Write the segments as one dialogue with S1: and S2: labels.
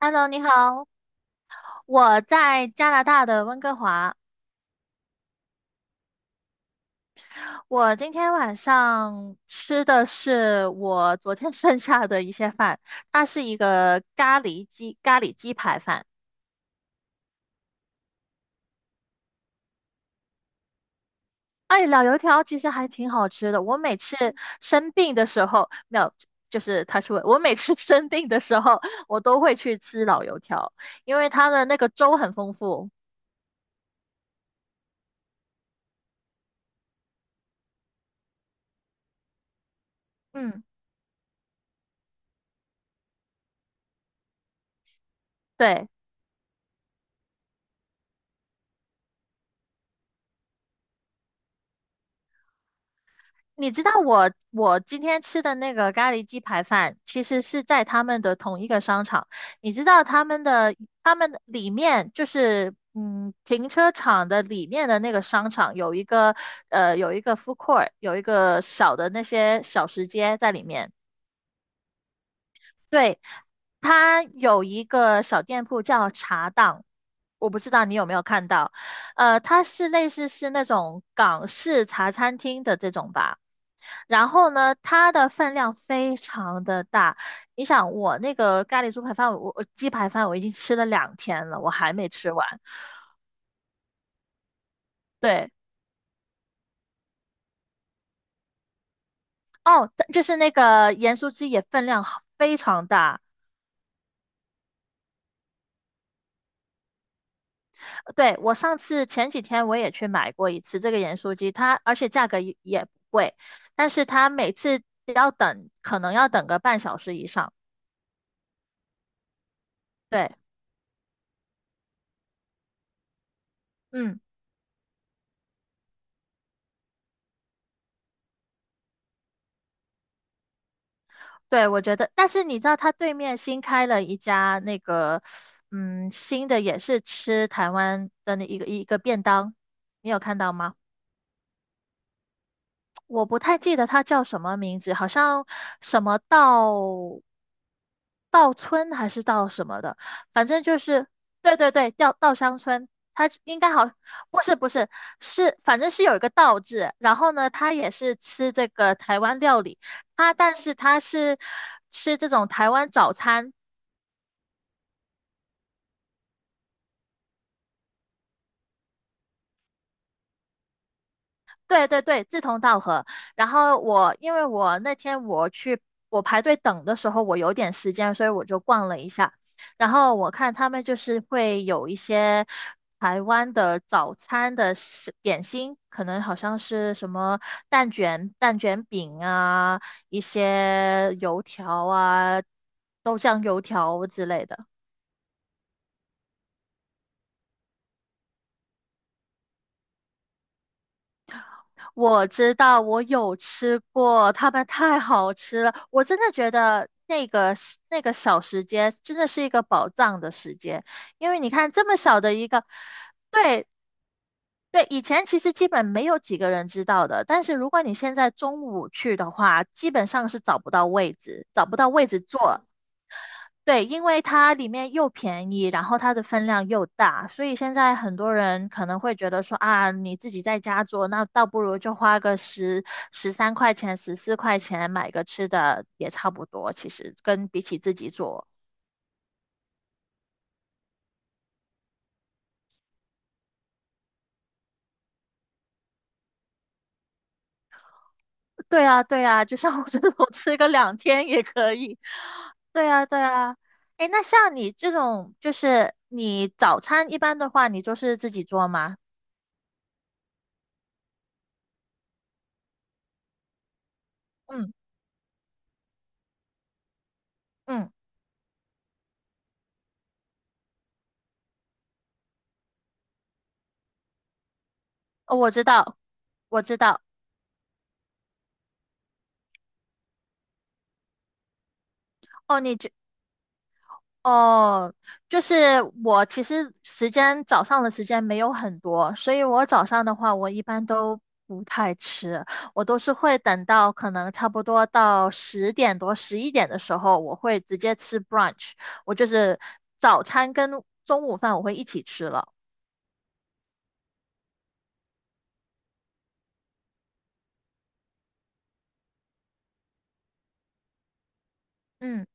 S1: Hello，你好，我在加拿大的温哥华。我今天晚上吃的是我昨天 剩下的一些饭，它是一个咖喱鸡排饭。哎，老油条其实还挺好吃的。我每次生病的时候，没有，就是他说我每次 生病的时候，我都会去吃老油条，因为它的那个粥很丰富。嗯，对。你知道我今天吃的那个咖喱鸡排饭，其实是在他们的同一个商场。你知道他们的里面就是停车场的里面的那个商场有一个 food court，有一个小的那些小食街在里面。对，它有一个小店铺叫茶档，我不知道你有没有看到，它是类似是那种港式茶餐厅的这种吧。然后呢，它的分量非常的大。你想，我那个咖喱猪排饭，我鸡排饭我已经吃了两天了，我还没吃完。对，哦，它就是那个盐酥鸡也分量好非常大。对，我上次前几天我也去买过一次这个盐酥鸡，它而且价格也不贵，但是它每次要等，可能要等个半小时以上。对，嗯，对，我觉得，但是你知道它对面新开了一家那个，嗯，新的也是吃台湾的那一个便当，你有看到吗？我不太记得它叫什么名字，好像什么稻村还是稻什么的，反正就是对对对，稻香村，它应该好，不是不是是，反正是有一个稻字，然后呢，它也是吃这个台湾料理，但是它是吃这种台湾早餐，对对对，志同道合。然后我因为我那天我排队等的时候，我有点时间，所以我就逛了一下。然后我看他们就是会有一些台湾的早餐的点心，可能好像是什么蛋卷饼啊，一些油条啊、豆浆油条之类的。我知道，我有吃过，他们太好吃了。我真的觉得那个时那个小时间真的是一个宝藏的时间，因为你看这么小的一个，对对，以前其实基本没有几个人知道的，但是如果你现在中午去的话，基本上是找不到位置坐，对，因为它里面又便宜，然后它的分量又大，所以现在很多人可能会觉得说啊，你自己在家做，那倒不如就花个十三块钱、14块钱买个吃的也差不多。其实比起自己做，对啊，对啊，就像我这种 吃个两天也可以。对啊，对啊。诶，那像你这种，就是你早餐一般的话，你就是自己做吗？嗯嗯，哦我知道，我知道。哦，你。哦，就是我其实早上的时间没有很多，所以我早上的话，我一般都不太吃，我都是会等到可能差不多到10点多、11点的时候，我会直接吃 brunch，我就是早餐跟中午饭我会一起吃了。嗯。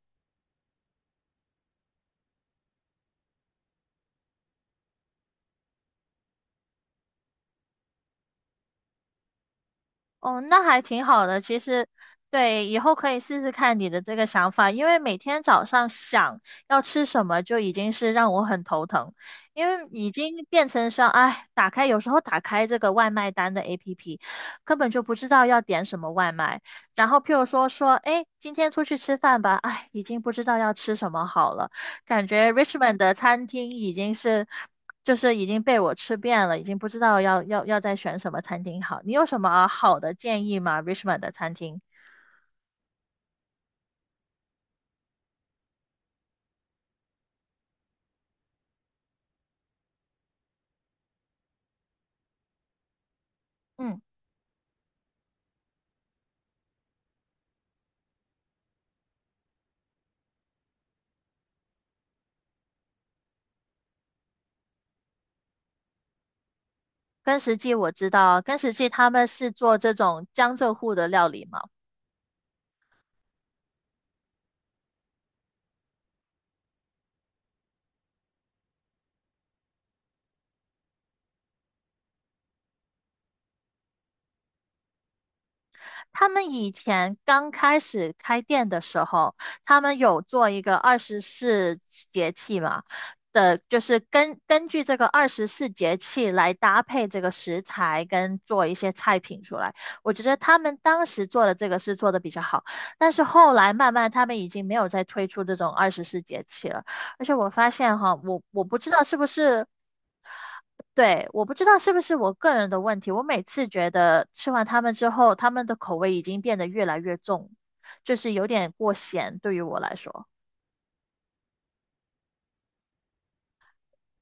S1: 哦，那还挺好的。其实，对，以后可以试试看你的这个想法，因为每天早上想要吃什么就已经是让我很头疼，因为已经变成像，哎，有时候打开这个外卖单的 APP，根本就不知道要点什么外卖。然后譬如说，哎，今天出去吃饭吧，哎，已经不知道要吃什么好了，感觉 Richmond 的餐厅已经是。就是已经被我吃遍了，已经不知道要再选什么餐厅好。你有什么好的建议吗？Richmond 的餐厅，嗯，根石记我知道，根石记他们是做这种江浙沪的料理嘛。他们以前刚开始开店的时候，他们有做一个二十四节气嘛的，就是根据这个二十四节气来搭配这个食材跟做一些菜品出来。我觉得他们当时做的这个是做的比较好，但是后来慢慢他们已经没有再推出这种二十四节气了。而且我发现哈，我不知道是不是对，我不知道是不是我个人的问题，我每次觉得吃完它们之后，它们的口味已经变得越来越重，就是有点过咸对于我来说。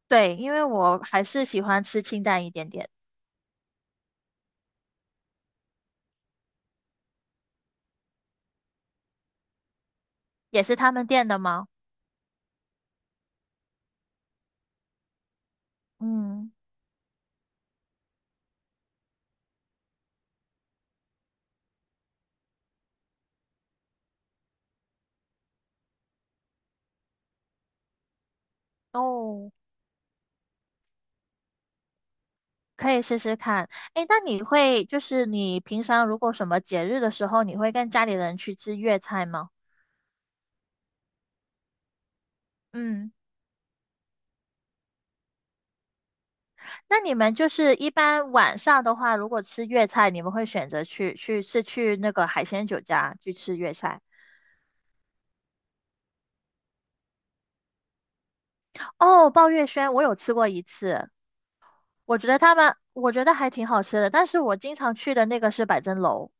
S1: 对，因为我还是喜欢吃清淡一点点，也是他们店的吗？嗯，哦，可以试试看。诶，那你会就是你平常如果什么节日的时候，你会跟家里人去吃粤菜吗？嗯。那你们就是一般晚上的话，如果吃粤菜，你们会选择去那个海鲜酒家去吃粤菜？哦，鲍月轩我有吃过一次，我觉得还挺好吃的，但是我经常去的那个是百珍楼。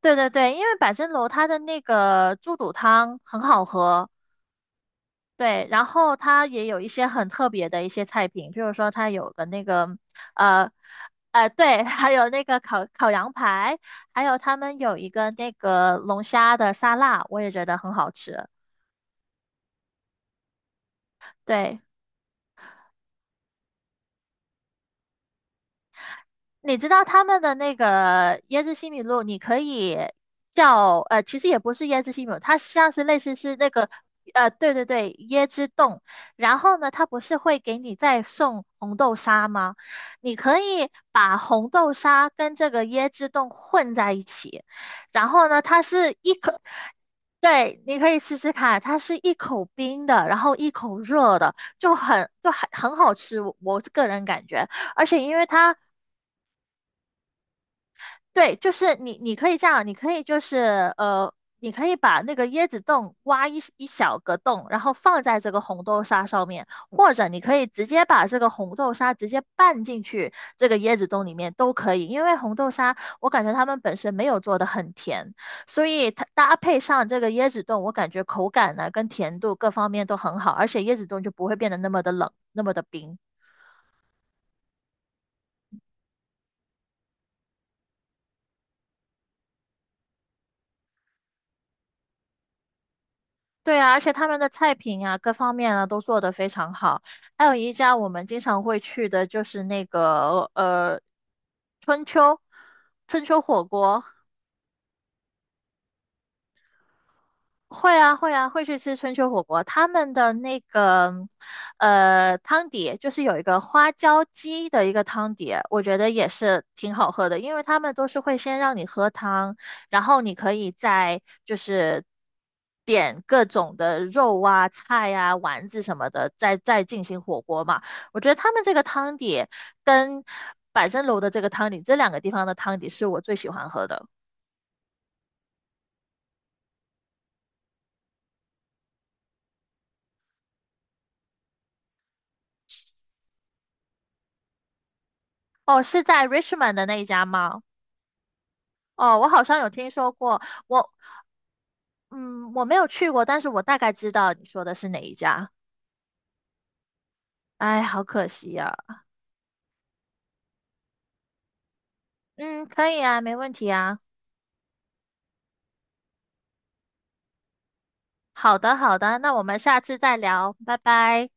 S1: 对对对，因为百珍楼它的那个猪肚汤很好喝，对，然后它也有一些很特别的一些菜品，譬如说它有个那个，呃，对，还有那个烤羊排，还有他们有一个那个龙虾的沙拉，我也觉得很好吃。对。你知道他们的那个椰汁西米露，你可以其实也不是椰汁西米露，它像是类似是那个对对对，椰汁冻。然后呢，它不是会给你再送红豆沙吗？你可以把红豆沙跟这个椰汁冻混在一起，然后呢，它是一口，对，你可以试试看，它是一口冰的，然后一口热的，就很好吃，我个人感觉。而且因为它对，就是你可以这样，你可以把那个椰子冻挖一小个洞，然后放在这个红豆沙上面，或者你可以直接把这个红豆沙直接拌进去这个椰子冻里面都可以，因为红豆沙我感觉他们本身没有做的很甜，所以它搭配上这个椰子冻，我感觉口感呢跟甜度各方面都很好，而且椰子冻就不会变得那么的冷，那么的冰。对啊，而且他们的菜品啊，各方面啊都做得非常好。还有一家我们经常会去的，就是那个春秋春秋火锅，会啊，会啊，会去吃春秋火锅。他们的那个，汤底就是有一个花椒鸡的一个汤底，我觉得也是挺好喝的，因为他们都是会先让你喝汤，然后你可以再就是点各种的肉啊、菜啊、丸子什么的，再进行火锅嘛。我觉得他们这个汤底跟百珍楼的这个汤底，这两个地方的汤底是我最喜欢喝的。哦，是在 Richmond 的那一家吗？哦，我好像有听说过，我嗯，我没有去过，但是我大概知道你说的是哪一家。哎，好可惜呀、嗯，可以啊，没问题啊。好的，好的，那我们下次再聊，拜拜。